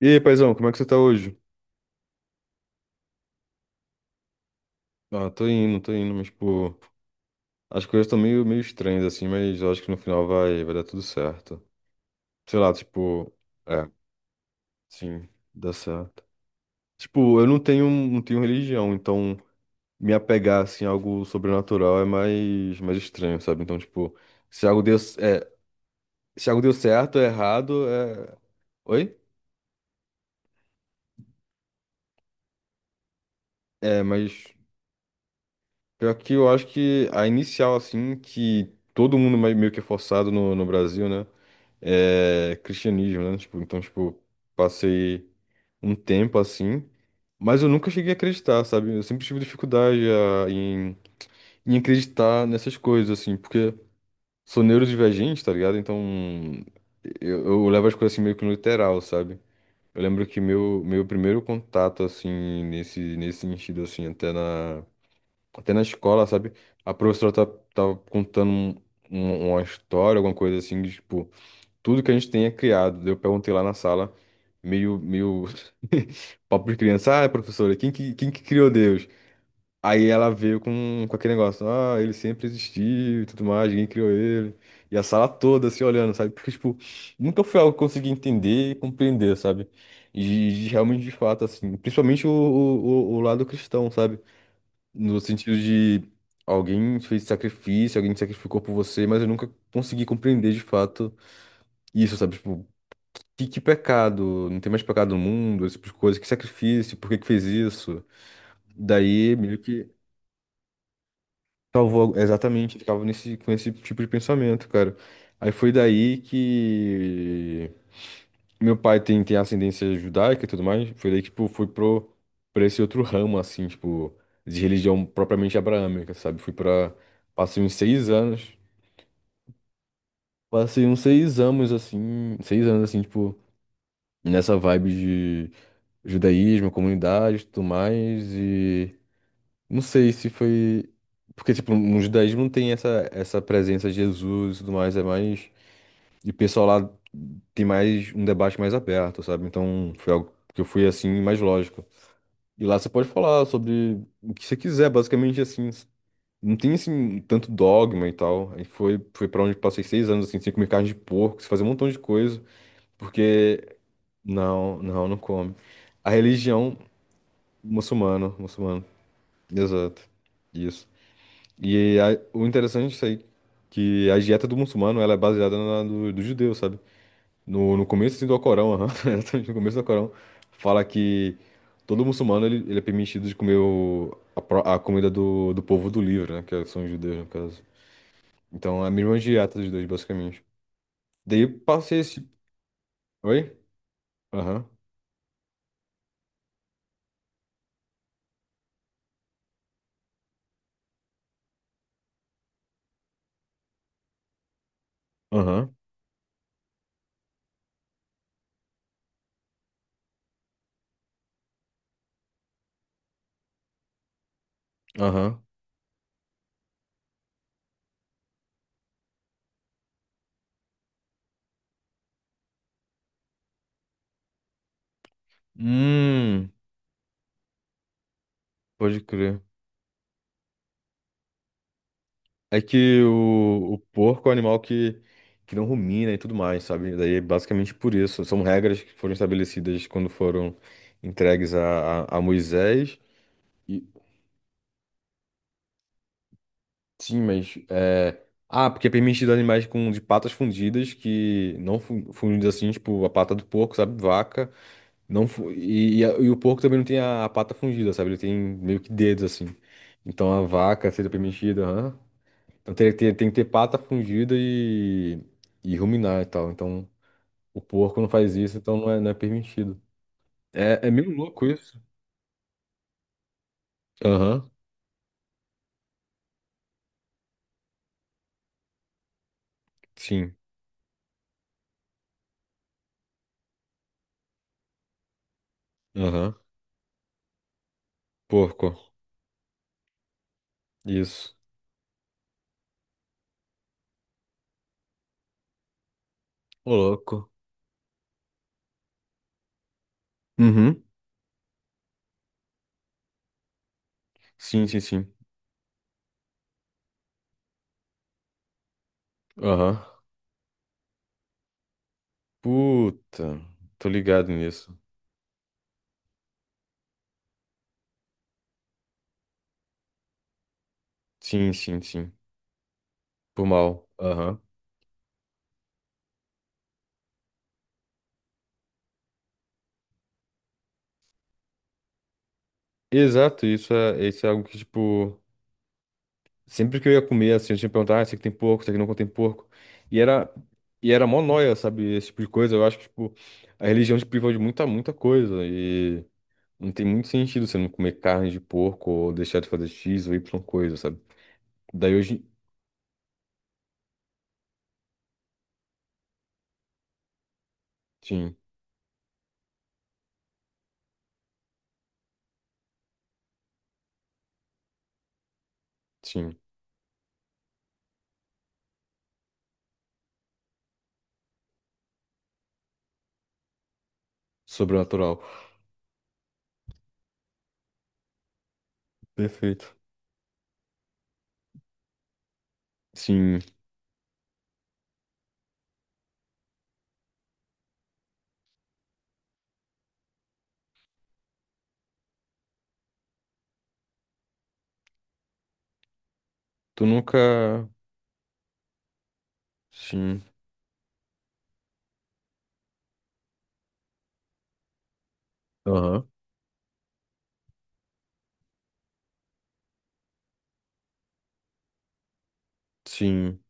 E aí, paizão, como é que você tá hoje? Ah, tô indo, mas, pô, as coisas estão meio estranhas, assim, mas eu acho que no final vai dar tudo certo. Sei lá, tipo, é, sim, dá certo. Tipo, eu não tenho religião, então me apegar, assim, a algo sobrenatural é mais estranho, sabe? Então, tipo, se algo deu, é, se algo deu certo ou errado. Oi? É, mas pior que eu acho que a inicial, assim, que todo mundo meio que é forçado no Brasil, né? Cristianismo, né? Tipo, então, tipo, passei um tempo assim, mas eu nunca cheguei a acreditar, sabe? Eu sempre tive dificuldade em acreditar nessas coisas, assim, porque sou neurodivergente, tá ligado? Então, eu levo as coisas assim meio que no literal, sabe? Eu lembro que meu primeiro contato, assim, nesse sentido, assim, até na escola, sabe? A professora tava contando uma história, alguma coisa assim, de, tipo tudo que a gente tenha criado. Eu perguntei lá na sala, meio papo de criança, ah, professora, quem que criou Deus? Aí ela veio com aquele negócio, ah, ele sempre existiu e tudo mais, ninguém criou ele. E a sala toda se olhando, sabe? Porque, tipo, nunca foi algo que eu consegui entender e compreender, sabe? E realmente, de fato, assim, principalmente o lado cristão, sabe? No sentido de alguém fez sacrifício, alguém se sacrificou por você, mas eu nunca consegui compreender de fato isso, sabe? Tipo, que pecado, não tem mais pecado no mundo, esse tipo de coisa, que sacrifício, por que que fez isso? Daí meio que salvou, exatamente, ele ficava com esse tipo de pensamento, cara. Aí foi daí que meu pai tem ascendência judaica e tudo mais, foi daí que, tipo, fui pra esse outro ramo, assim, tipo, de religião propriamente abraâmica, sabe? Passei uns seis anos, passei uns seis anos, assim, 6 anos, assim, tipo, nessa vibe judaísmo, comunidade, tudo mais e não sei se foi porque tipo no judaísmo não tem essa presença de Jesus e tudo mais, é mais e o pessoal lá tem mais um debate mais aberto, sabe? Então foi algo que eu fui assim mais lógico. E lá você pode falar sobre o que você quiser, basicamente assim, não tem assim tanto dogma e tal. Aí foi para onde eu passei 6 anos assim, sem comer carne de porco, sem fazer um montão de coisa, porque não, não, não come. A religião muçulmano, muçulmano. Exato. Isso. E o interessante disso aí, que a dieta do muçulmano, ela é baseada na do judeu, sabe? No começo assim, do Alcorão, aham, exatamente no começo do Alcorão, fala que todo muçulmano, ele é permitido de comer a comida do povo do livro, né? Que são os judeus, no caso. Então, é a mesma dieta dos dois, basicamente. Daí, eu passei esse. Oi? Aham, aham, aham. Hum, pode crer. É que o porco é um animal que não rumina e tudo mais, sabe? Daí, é basicamente por isso. São regras que foram estabelecidas quando foram entregues a Moisés. E, sim, mas. É. Ah, porque é permitido animais com de patas fundidas, que não fundidas assim, tipo a pata do porco, sabe? Vaca. Não fu- e, a- e o porco também não tem a pata fundida, sabe? Ele tem meio que dedos assim. Então a vaca seria permitida, aham. Então tem que ter pata fungida e ruminar e tal. Então o porco não faz isso, então não é permitido. É meio louco isso. Aham, sim. Aham. Porco. Isso. Ô, louco. Uhum. Sim, sim, sim. Aham. Puta. Tô ligado nisso. Sim, sim, sim. Por mal. Aham. Exato, isso é algo que, tipo. Sempre que eu ia comer, assim, eu tinha que perguntar, ah, esse aqui tem porco, esse aqui não contém porco. E era, e era mó nóia, sabe? Esse tipo de coisa. Eu acho que, tipo, a religião te privou de muita, muita coisa. E não tem muito sentido você não comer carne de porco ou deixar de fazer X ou Y coisa, sabe? Daí hoje. Sim, sim. Sobrenatural. Perfeito. Sim. Tu nunca. Sim. Aham. Sim.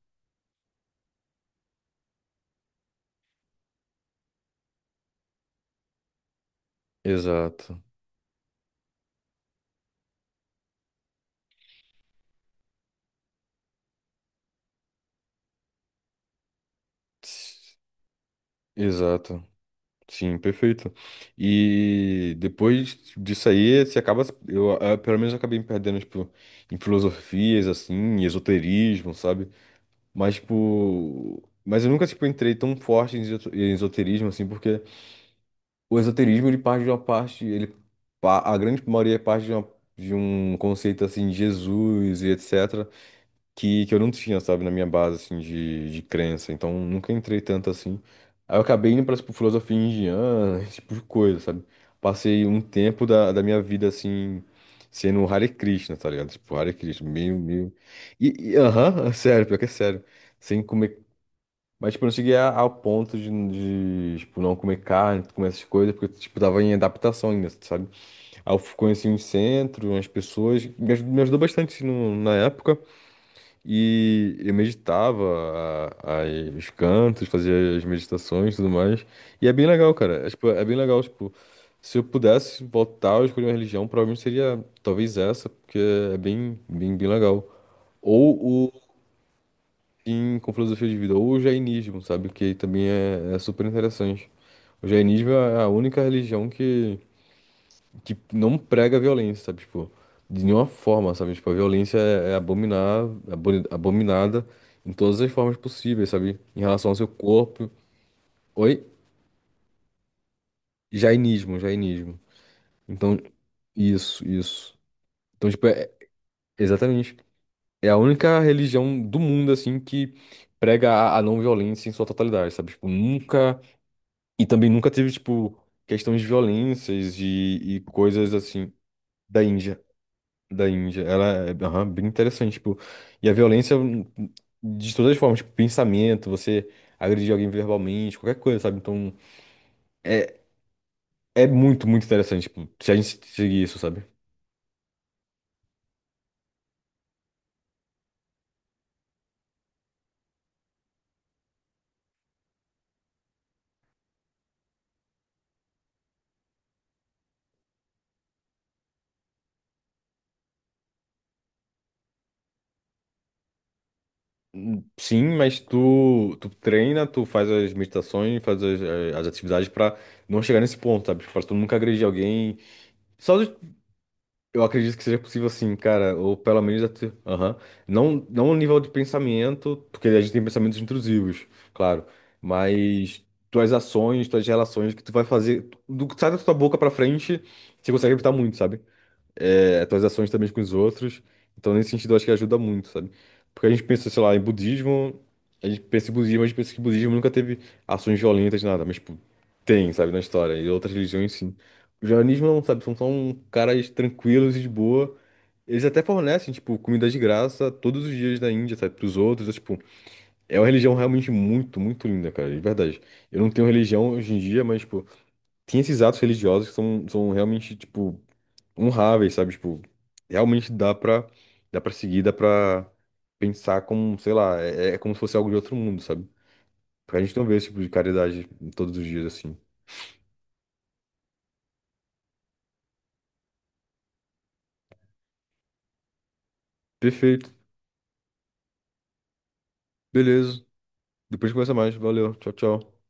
Exato. Tss, exato. Sim, perfeito. E depois disso aí, você acaba. Pelo menos, eu acabei me perdendo, tipo, em filosofias, assim, em esoterismo, sabe? Mas eu nunca, tipo, entrei tão forte em esoterismo, assim, porque o esoterismo, ele parte de uma parte. A grande maioria parte de um conceito, assim, de Jesus e etc que eu não tinha, sabe, na minha base, assim, de crença. Então, nunca entrei tanto assim. Aí eu acabei indo pra, tipo, filosofia indiana, esse tipo de coisa, sabe? Passei um tempo da minha vida, assim, sendo um Hare Krishna, tá ligado? Tipo, Hare Krishna, meio, meio. E, aham, sério, pior que é sério. Sem comer. Mas, tipo, eu não cheguei ao ponto de, tipo, não comer carne, comer essas coisas, porque, tipo, tava em adaptação ainda, sabe? Aí eu conheci um centro, umas pessoas, me ajudou bastante assim, na época. E eu meditava os cantos, fazia as meditações e tudo mais. E é bem legal, cara. Tipo, é bem legal, tipo, se eu pudesse voltar a escolher uma religião, provavelmente seria talvez essa, porque é bem, bem, bem legal. Ou o com filosofia de vida, ou o jainismo, sabe? Que também é super interessante. O jainismo é a única religião que não prega a violência, sabe? Tipo, de nenhuma forma, sabe? Tipo, a violência é abominada em todas as formas possíveis, sabe? Em relação ao seu corpo. Oi? Jainismo, jainismo. Então, isso, isso. Então, tipo, é, exatamente. É a única religião do mundo, assim, que prega a não violência em sua totalidade, sabe? Tipo, nunca. E também nunca teve, tipo, questões de violências e coisas assim da Índia. Da Índia. Ela é aham, bem interessante, tipo, e a violência de todas as formas, tipo, pensamento, você agredir alguém verbalmente, qualquer coisa, sabe? Então, é, é muito, muito interessante, tipo, se a gente seguir isso, sabe? Sim, mas tu treina, tu faz as meditações, faz as atividades pra não chegar nesse ponto, sabe? Tipo, pra tu nunca agredir alguém. Só eu acredito que seja possível sim, cara, ou pelo menos até, aham. Não, não o nível de pensamento, porque a gente tem pensamentos intrusivos, claro, mas tuas ações, tuas relações que tu vai fazer, do que sai da tua boca pra frente, você consegue evitar muito, sabe? Tuas ações também com os outros. Então, nesse sentido, eu acho que ajuda muito, sabe? Porque a gente pensa, sei lá, em budismo, a gente pensa em budismo, a gente pensa que budismo nunca teve ações violentas, nada, mas, tipo, tem, sabe, na história. E outras religiões, sim. O jainismo não, sabe, são só um caras tranquilos e de boa. Eles até fornecem, tipo, comida de graça todos os dias da Índia, sabe, pros outros. Tipo, é uma religião realmente muito, muito linda, cara, de verdade. Eu não tenho religião hoje em dia, mas, tipo, tem esses atos religiosos que são realmente, tipo, honráveis, sabe? Tipo, realmente dá pra seguir, dá pra pensar como, sei lá, é como se fosse algo de outro mundo, sabe? Porque a gente não vê esse tipo de caridade todos os dias, assim. Perfeito, beleza. Depois conversa mais. Valeu, tchau, tchau.